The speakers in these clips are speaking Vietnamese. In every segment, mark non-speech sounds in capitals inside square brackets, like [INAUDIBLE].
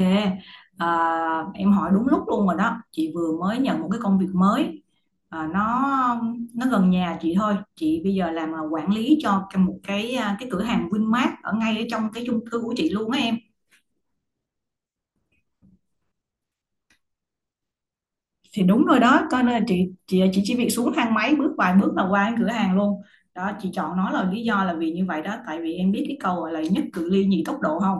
Ok, à, em hỏi đúng lúc luôn rồi đó. Chị vừa mới nhận một cái công việc mới. À, nó nó gần nhà chị thôi. Chị bây giờ làm là quản lý cho một cái cửa hàng Vinmart ở ngay ở trong cái chung cư của chị luôn á em. Thì đúng rồi đó, coi nên là chị chỉ việc xuống thang máy bước vài bước là qua cái cửa hàng luôn. Đó, chị chọn nó là lý do là vì như vậy đó, tại vì em biết cái câu gọi là nhất cự ly nhì tốc độ không?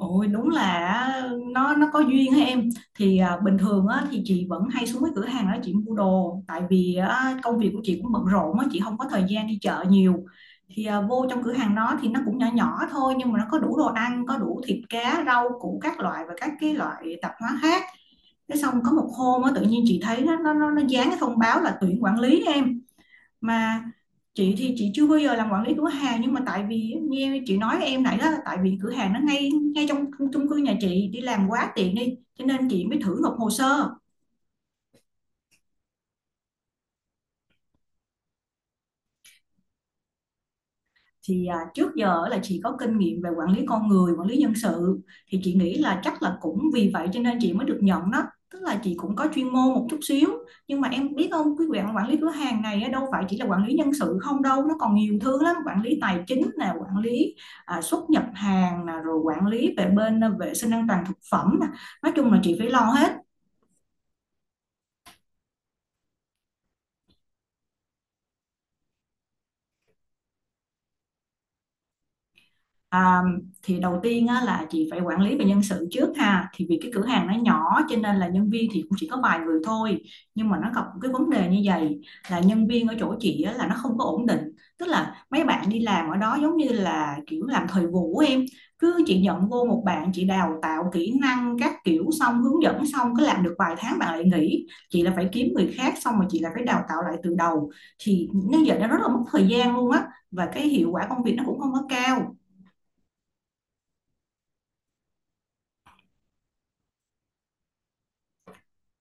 Ôi đúng là á, nó có duyên á em. Thì bình thường á, thì chị vẫn hay xuống cái cửa hàng đó chị mua đồ, tại vì á, công việc của chị cũng bận rộn á, chị không có thời gian đi chợ nhiều. Thì vô trong cửa hàng đó thì nó cũng nhỏ nhỏ thôi, nhưng mà nó có đủ đồ ăn, có đủ thịt cá rau củ các loại và các cái loại tạp hóa khác. Thế xong có một hôm á, tự nhiên chị thấy nó dán cái thông báo là tuyển quản lý em. Mà chị thì chị chưa bao giờ làm quản lý cửa hàng, nhưng mà tại vì như chị nói em nãy đó là tại vì cửa hàng nó ngay ngay trong chung cư nhà chị, đi làm quá tiện đi cho nên chị mới thử nộp hồ sơ. Thì trước giờ là chị có kinh nghiệm về quản lý con người, quản lý nhân sự, thì chị nghĩ là chắc là cũng vì vậy cho nên chị mới được nhận đó, tức là chị cũng có chuyên môn một chút xíu. Nhưng mà em biết không, cái việc quản lý cửa hàng này á, đâu phải chỉ là quản lý nhân sự không đâu, nó còn nhiều thứ lắm: quản lý tài chính nè, quản lý xuất nhập hàng nè, rồi quản lý về bên vệ sinh an toàn thực phẩm nè. Nói chung là chị phải lo hết. À, thì đầu tiên á, là chị phải quản lý về nhân sự trước ha, thì vì cái cửa hàng nó nhỏ cho nên là nhân viên thì cũng chỉ có vài người thôi. Nhưng mà nó gặp một cái vấn đề như vậy là nhân viên ở chỗ chị á, là nó không có ổn định, tức là mấy bạn đi làm ở đó giống như là kiểu làm thời vụ á em. Cứ chị nhận vô một bạn chị đào tạo kỹ năng các kiểu xong hướng dẫn xong, cứ làm được vài tháng bạn lại nghỉ, chị là phải kiếm người khác xong rồi chị là phải đào tạo lại từ đầu, thì nó giờ nó rất là mất thời gian luôn á, và cái hiệu quả công việc nó cũng không có cao.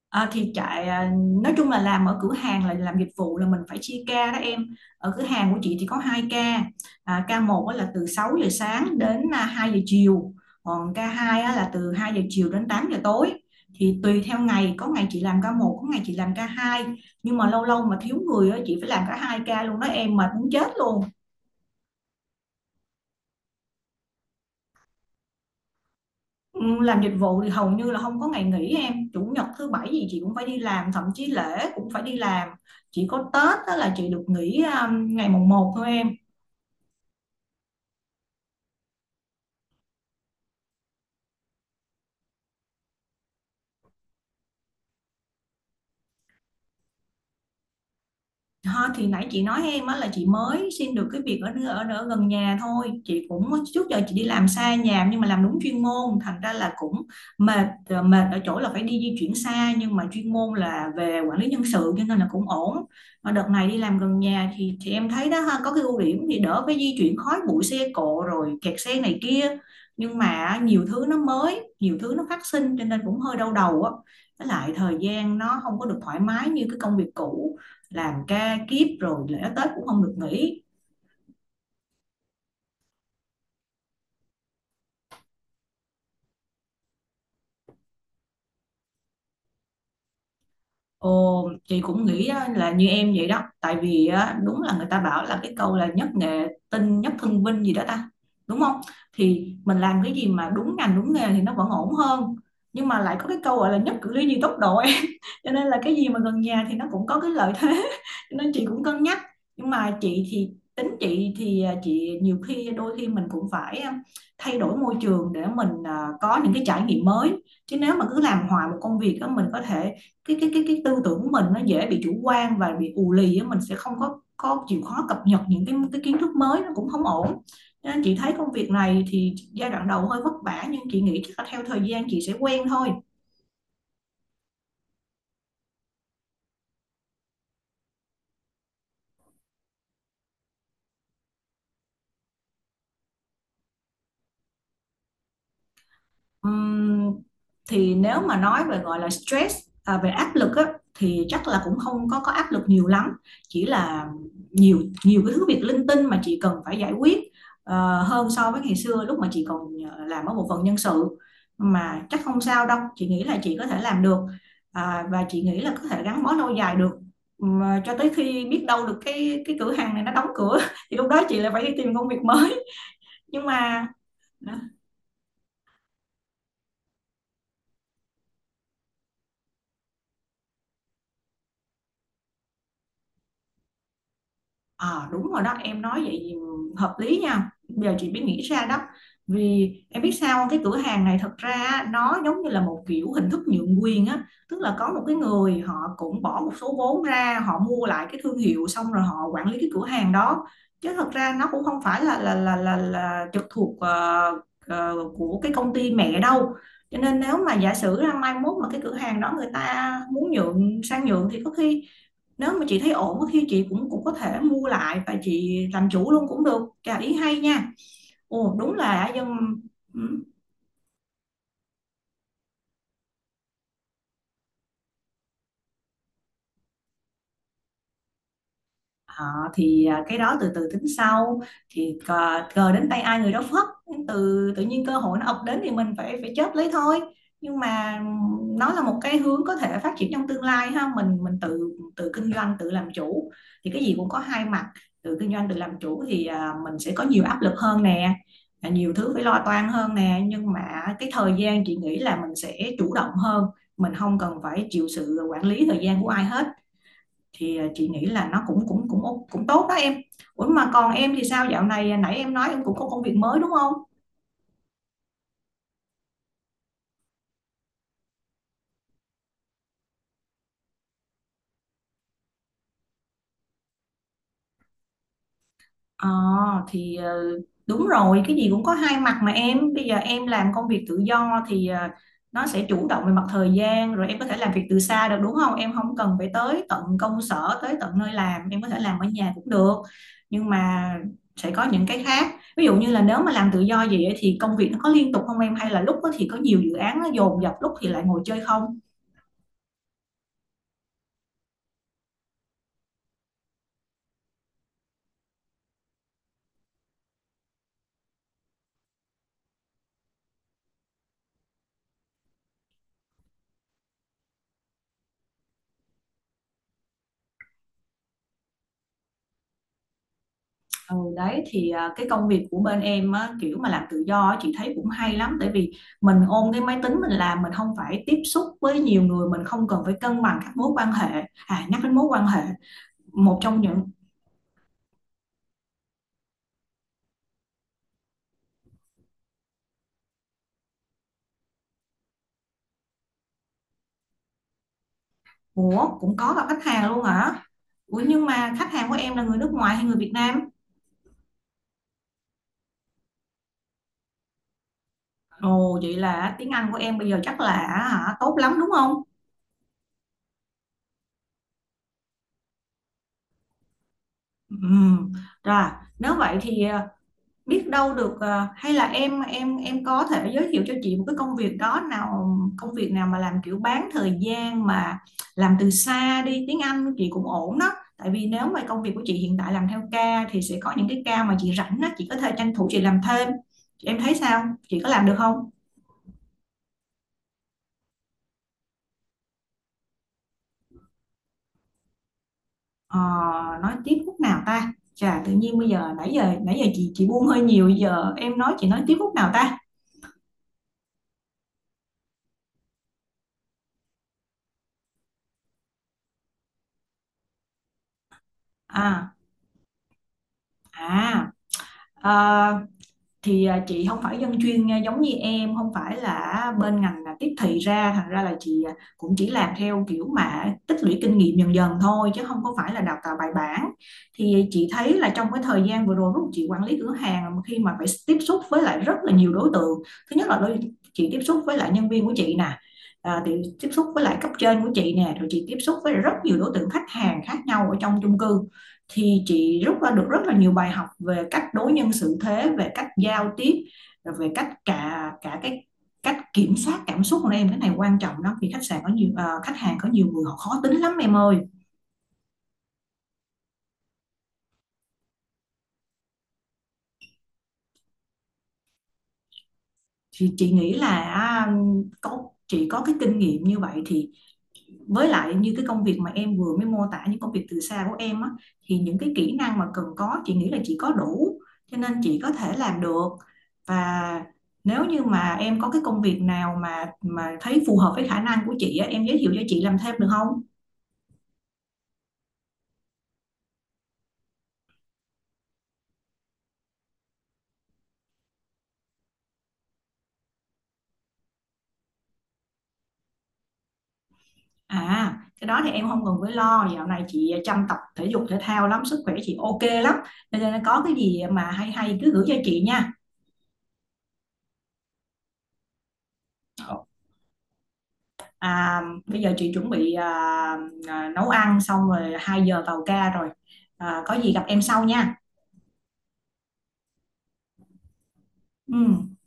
À, thì nói chung là làm ở cửa hàng là làm dịch vụ, là mình phải chia ca đó em. Ở cửa hàng của chị thì có 2 ca. Ca một á là từ 6 giờ sáng đến 2 giờ chiều, còn ca hai á là từ 2 giờ chiều đến 8 giờ tối. Thì tùy theo ngày có ngày chị làm ca một, có ngày chị làm ca hai, nhưng mà lâu lâu mà thiếu người á, chị phải làm cả 2 ca luôn đó em, mệt muốn chết luôn. Ừ, làm dịch vụ thì hầu như là không có ngày nghỉ em, chủ nhật thứ bảy gì chị cũng phải đi làm, thậm chí lễ cũng phải đi làm. Chỉ có Tết đó là chị được nghỉ ngày mùng một thôi em. Ha, thì nãy chị nói em á là chị mới xin được cái việc ở ở ở gần nhà thôi. Chị cũng trước giờ chị đi làm xa nhà nhưng mà làm đúng chuyên môn, thành ra là cũng mệt. Ờ, Mệt ở chỗ là phải đi di chuyển xa, nhưng mà chuyên môn là về quản lý nhân sự cho nên là cũng ổn. Mà đợt này đi làm gần nhà thì em thấy đó ha, có cái ưu điểm thì đỡ phải di chuyển khói bụi xe cộ rồi kẹt xe này kia, nhưng mà nhiều thứ nó mới, nhiều thứ nó phát sinh cho nên cũng hơi đau đầu á. Với lại thời gian nó không có được thoải mái như cái công việc cũ, làm ca kiếp rồi lễ Tết cũng không được nghỉ. Ồ, chị cũng nghĩ á, là như em vậy đó, tại vì á, đúng là người ta bảo là cái câu là nhất nghệ tinh nhất thân vinh gì đó ta, đúng không? Thì mình làm cái gì mà đúng ngành đúng nghề thì nó vẫn ổn hơn. Nhưng mà lại có cái câu gọi là nhất cử ly nhì tốc độ em [LAUGHS] cho nên là cái gì mà gần nhà thì nó cũng có cái lợi thế [LAUGHS] cho nên chị cũng cân nhắc. Nhưng mà chị thì tính chị thì chị nhiều khi đôi khi mình cũng phải thay đổi môi trường để mình có những cái trải nghiệm mới. Chứ nếu mà cứ làm hoài một công việc á, mình có thể cái tư tưởng của mình nó dễ bị chủ quan và bị ù lì á, mình sẽ không có chịu khó cập nhật những cái kiến thức mới, nó cũng không ổn. Nên chị thấy công việc này thì giai đoạn đầu hơi vất vả, nhưng chị nghĩ chắc là theo thời gian chị sẽ quen thôi. Ừm, thì nếu mà nói về gọi là stress, về áp lực á, thì chắc là cũng không có áp lực nhiều lắm, chỉ là nhiều nhiều cái thứ việc linh tinh mà chị cần phải giải quyết hơn so với ngày xưa lúc mà chị còn làm ở bộ phận nhân sự. Mà chắc không sao đâu, chị nghĩ là chị có thể làm được, và chị nghĩ là có thể gắn bó lâu dài được. Mà cho tới khi biết đâu được cái cửa hàng này nó đóng cửa [LAUGHS] thì lúc đó chị lại phải đi tìm công việc mới. Nhưng mà à, Ờ, đúng rồi đó, em nói vậy thì hợp lý nha, giờ chị mới nghĩ ra đó. Vì em biết sao không? Cái cửa hàng này thật ra á, nó giống như là một kiểu hình thức nhượng quyền á, tức là có một cái người họ cũng bỏ một số vốn ra họ mua lại cái thương hiệu xong rồi họ quản lý cái cửa hàng đó, chứ thật ra nó cũng không phải là trực thuộc của cái công ty mẹ đâu. Cho nên nếu mà giả sử ra mai mốt mà cái cửa hàng đó người ta muốn nhượng sang nhượng thì có khi, nếu mà chị thấy ổn thì chị cũng cũng có thể mua lại và chị làm chủ luôn cũng được. Chà, ý hay nha, ồ đúng là dân. Ờ, thì cái đó từ từ tính sau. Thì cờ đến tay ai người đó phất, từ tự nhiên cơ hội nó ập đến thì mình phải phải chớp lấy thôi. Nhưng mà nó là một cái hướng có thể phát triển trong tương lai ha, mình tự tự kinh doanh tự làm chủ. Thì cái gì cũng có hai mặt, tự kinh doanh tự làm chủ thì mình sẽ có nhiều áp lực hơn nè, nhiều thứ phải lo toan hơn nè, nhưng mà cái thời gian chị nghĩ là mình sẽ chủ động hơn, mình không cần phải chịu sự quản lý thời gian của ai hết. Thì chị nghĩ là nó cũng cũng cũng cũng tốt đó em. Ủa mà còn em thì sao, dạo này nãy em nói em cũng có công việc mới đúng không? Ờ, thì đúng rồi, cái gì cũng có hai mặt mà. Em bây giờ em làm công việc tự do thì nó sẽ chủ động về mặt thời gian rồi, em có thể làm việc từ xa được đúng không, em không cần phải tới tận công sở tới tận nơi làm, em có thể làm ở nhà cũng được. Nhưng mà sẽ có những cái khác, ví dụ như là nếu mà làm tự do vậy ấy thì công việc nó có liên tục không em, hay là lúc đó thì có nhiều dự án nó dồn dập, lúc thì lại ngồi chơi không. Ừ, đấy thì cái công việc của bên em á, kiểu mà làm tự do á, chị thấy cũng hay lắm, tại vì mình ôm cái máy tính mình làm, mình không phải tiếp xúc với nhiều người, mình không cần phải cân bằng các mối quan hệ. À, nhắc đến mối quan hệ một trong những... Ủa, cũng có gặp khách hàng luôn hả? Ủa nhưng mà khách hàng của em là người nước ngoài hay người Việt Nam? Ồ vậy là tiếng Anh của em bây giờ chắc là... hả, tốt lắm đúng không? Ừ. Rồi, nếu vậy thì biết đâu được, hay là em có thể giới thiệu cho chị một cái công việc đó nào, công việc nào mà làm kiểu bán thời gian mà làm từ xa đi, tiếng Anh của chị cũng ổn đó. Tại vì nếu mà công việc của chị hiện tại làm theo ca thì sẽ có những cái ca mà chị rảnh đó, chị có thể tranh thủ chị làm thêm. Em thấy sao, chị có làm được không? Ờ, nói tiếp khúc nào ta. Chà, tự nhiên bây giờ, nãy giờ chị buông hơi nhiều, giờ em nói chị nói tiếp khúc nào ta. À, à, ờ, chị không phải dân chuyên, giống như em không phải là bên ngành là tiếp thị ra, thành ra là chị cũng chỉ làm theo kiểu mà tích lũy kinh nghiệm dần dần thôi chứ không có phải là đào tạo bài bản. Thì chị thấy là trong cái thời gian vừa rồi, lúc chị quản lý cửa hàng mà khi mà phải tiếp xúc với lại rất là nhiều đối tượng. Thứ nhất là chị tiếp xúc với lại nhân viên của chị nè. À, thì tiếp xúc với lại cấp trên của chị nè, rồi chị tiếp xúc với rất nhiều đối tượng khách hàng khác nhau ở trong chung cư. Thì chị rút ra được rất là nhiều bài học về cách đối nhân xử thế, về cách giao tiếp, rồi về cách cả cả cái cách kiểm soát cảm xúc của em. Cái này quan trọng lắm vì khách sạn có nhiều khách hàng, có nhiều người họ khó tính lắm em ơi. Thì chị nghĩ là có chị có cái kinh nghiệm như vậy thì với lại như cái công việc mà em vừa mới mô tả, những công việc từ xa của em á, thì những cái kỹ năng mà cần có chị nghĩ là chị có đủ, cho nên chị có thể làm được. Và nếu như mà em có cái công việc nào mà thấy phù hợp với khả năng của chị á, em giới thiệu cho chị làm thêm được không? À, cái đó thì em không cần phải lo, dạo này chị chăm tập thể dục thể thao lắm, sức khỏe chị ok lắm, cho nên có cái gì mà hay hay cứ gửi cho chị nha. À, bây giờ chị chuẩn bị nấu ăn xong rồi 2 giờ vào ca rồi. À, có gì gặp em sau nha. Ừ.